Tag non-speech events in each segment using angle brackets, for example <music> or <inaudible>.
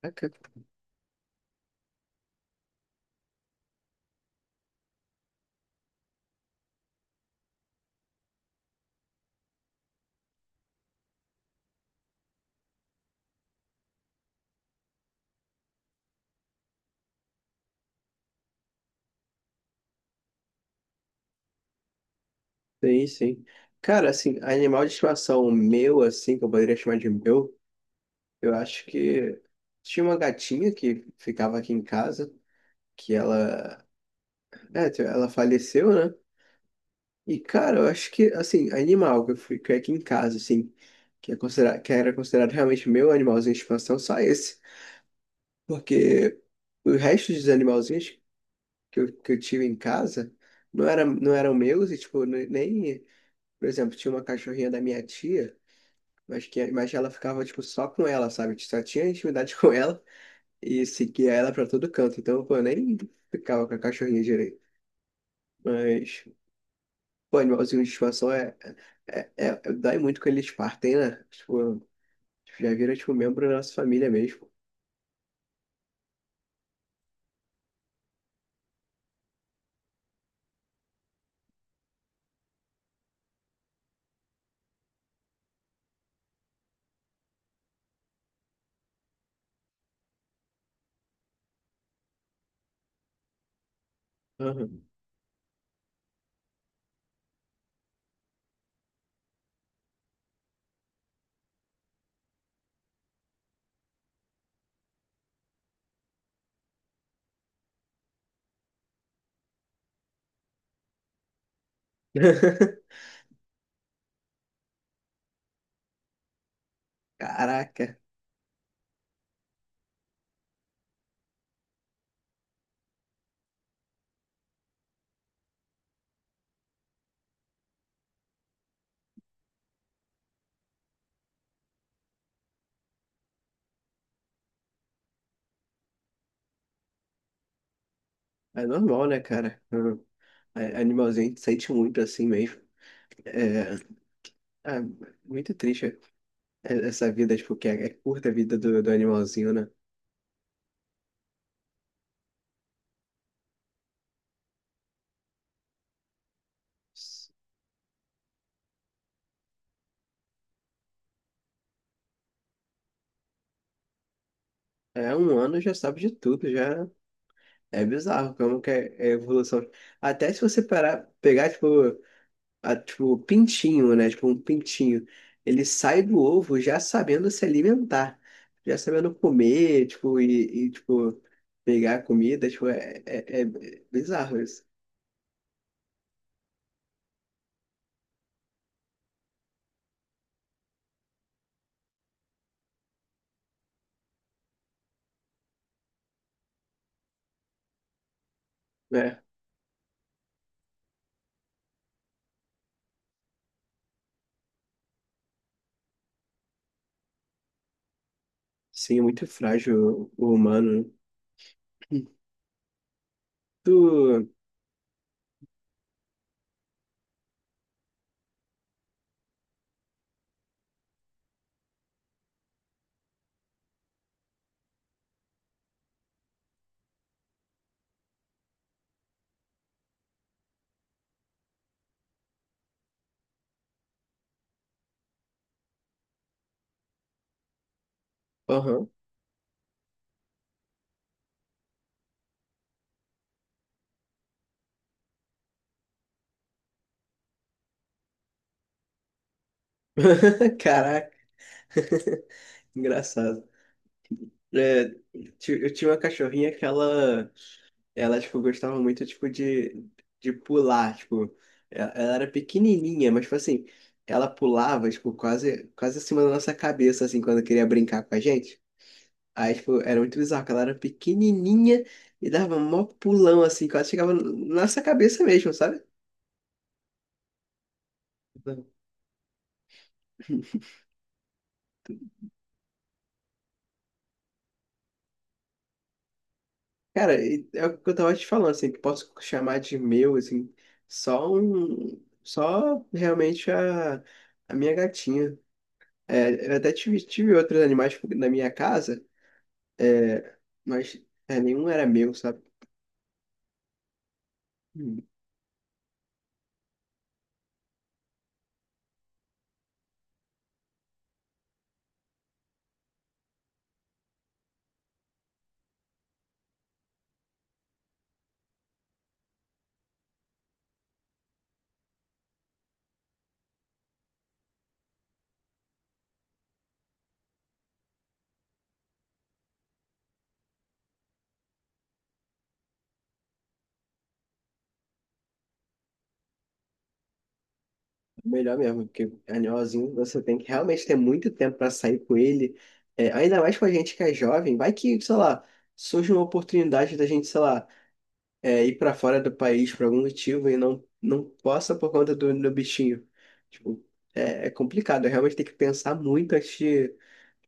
Caraca. Sim, sim. Cara, assim, animal de estimação meu, assim, que eu poderia chamar de meu, eu acho que tinha uma gatinha que ficava aqui em casa, que ela, ela faleceu, né? E, cara, eu acho que, assim, animal que eu fui que é aqui em casa, assim, que, que era considerado realmente meu animalzinho de estimação, só esse. Porque o resto dos animalzinhos que eu tive em casa não eram meus e, tipo, nem, por exemplo, tinha uma cachorrinha da minha tia. Mas, mas ela ficava, tipo, só com ela, sabe? Só tinha intimidade <laughs> com ela e seguia ela pra todo canto. Então, pô, eu nem ficava com a cachorrinha direito. Mas, pô, animalzinho de estimação Dói muito quando eles partem, né? Tipo, já vira, tipo, membro da nossa família mesmo. Aham. <laughs> Caraca. É normal, né, cara? Aham. Animalzinho a gente sente muito assim mesmo. É, é muito triste, essa vida, tipo, é curta a vida do animalzinho, né? É, 1 ano já sabe de tudo, já é bizarro como que é a evolução. Até se você parar, pegar, tipo, pintinho, né? Tipo, um pintinho. Ele sai do ovo já sabendo se alimentar, já sabendo comer, tipo, pegar a comida, tipo, bizarro isso, né? Sim, é muito frágil o humano. Tu... Aham. <laughs> Caraca. <laughs> Engraçado. É, eu tinha uma cachorrinha que ela tipo, gostava muito, tipo, de pular, tipo, ela era pequenininha, mas, tipo assim, ela pulava, tipo, quase acima da nossa cabeça, assim, quando queria brincar com a gente. Aí, tipo, era muito bizarro, que ela era pequenininha e dava um mó pulão, assim, quase chegava na nossa cabeça mesmo, sabe? <laughs> Cara, e é o que eu tava te falando, assim, que posso chamar de meu, assim, só um, só realmente a minha gatinha. Tive outros animais tipo, na minha casa, é, mas é, nenhum era meu, sabe? Hum. Melhor mesmo, porque animalzinho você tem que realmente ter muito tempo para sair com ele. É, ainda mais com a gente que é jovem, vai que, sei lá, surge uma oportunidade da gente, sei lá, é, ir para fora do país por algum motivo e não possa por conta do bichinho. Tipo, é complicado, é realmente tem que pensar muito antes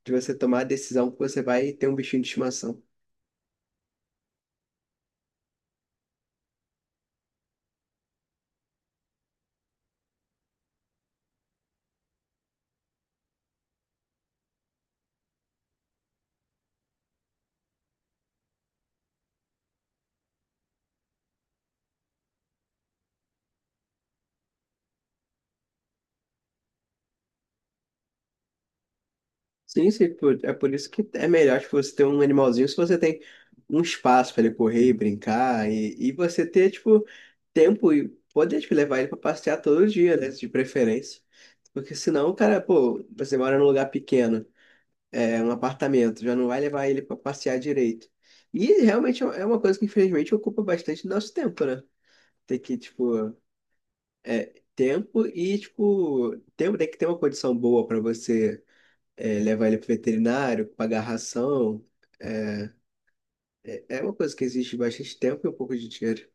de você tomar a decisão que você vai ter um bichinho de estimação. Sim, sim, por- é por isso que é melhor tipo, você ter um animalzinho se você tem um espaço para ele correr e brincar e você ter, tipo, tempo e poder, tipo, levar ele para passear todo dia, né, de preferência. Porque senão, o cara, pô, você mora num lugar pequeno, é um apartamento, já não vai levar ele para passear direito. E realmente é uma coisa que, infelizmente, ocupa bastante do nosso tempo, né? Tem que, tipo, é, tempo tem que ter uma condição boa para você é, levar ele pro veterinário, pagar ração. É, é uma coisa que existe bastante tempo e um pouco de dinheiro.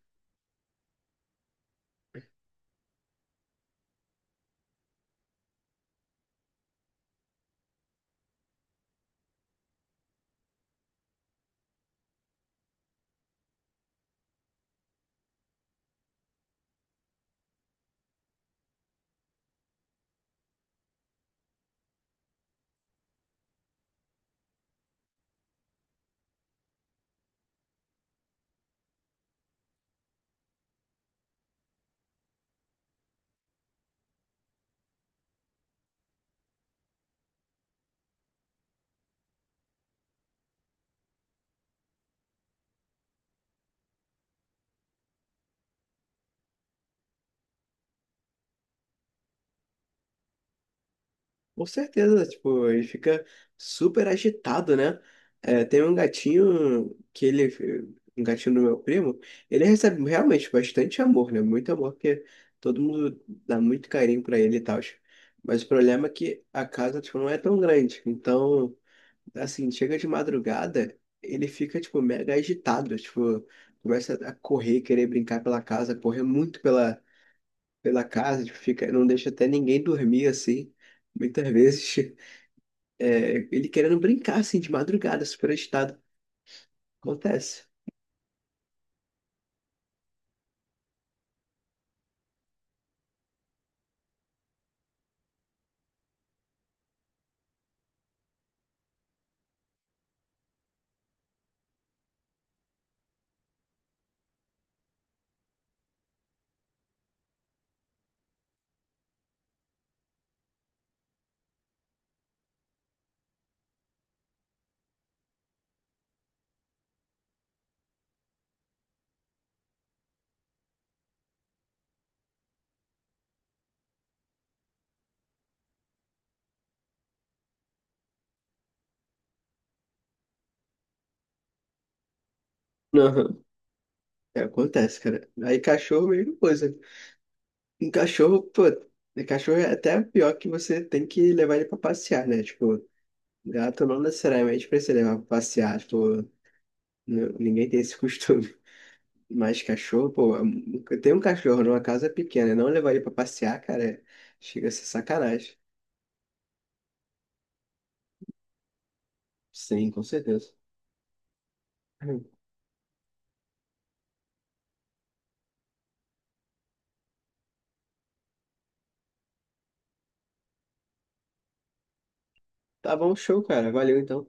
Com certeza, tipo, ele fica super agitado, né? É, tem um gatinho um gatinho do meu primo, ele recebe realmente bastante amor, né? Muito amor, porque todo mundo dá muito carinho pra ele e tal. Mas o problema é que a casa, tipo, não é tão grande, então assim, chega de madrugada, ele fica, tipo, mega agitado, tipo, começa a correr, querer brincar pela casa, correr muito pela casa, tipo, fica, não deixa até ninguém dormir, assim, muitas vezes, <laughs> é, ele querendo brincar, assim, de madrugada, super agitado, acontece. Aham. É, acontece, cara. Aí cachorro, mesma coisa. Em cachorro, pô, em cachorro é até pior que você tem que levar ele pra passear, né? Tipo, gato não necessariamente precisa levar pra passear, tipo, ninguém tem esse <laughs> costume. Mas cachorro, pô, tem um cachorro numa casa pequena, e não levar ele pra passear, cara, é- chega a ser sacanagem. Sim, com certeza. Tá bom, show, cara. Valeu então.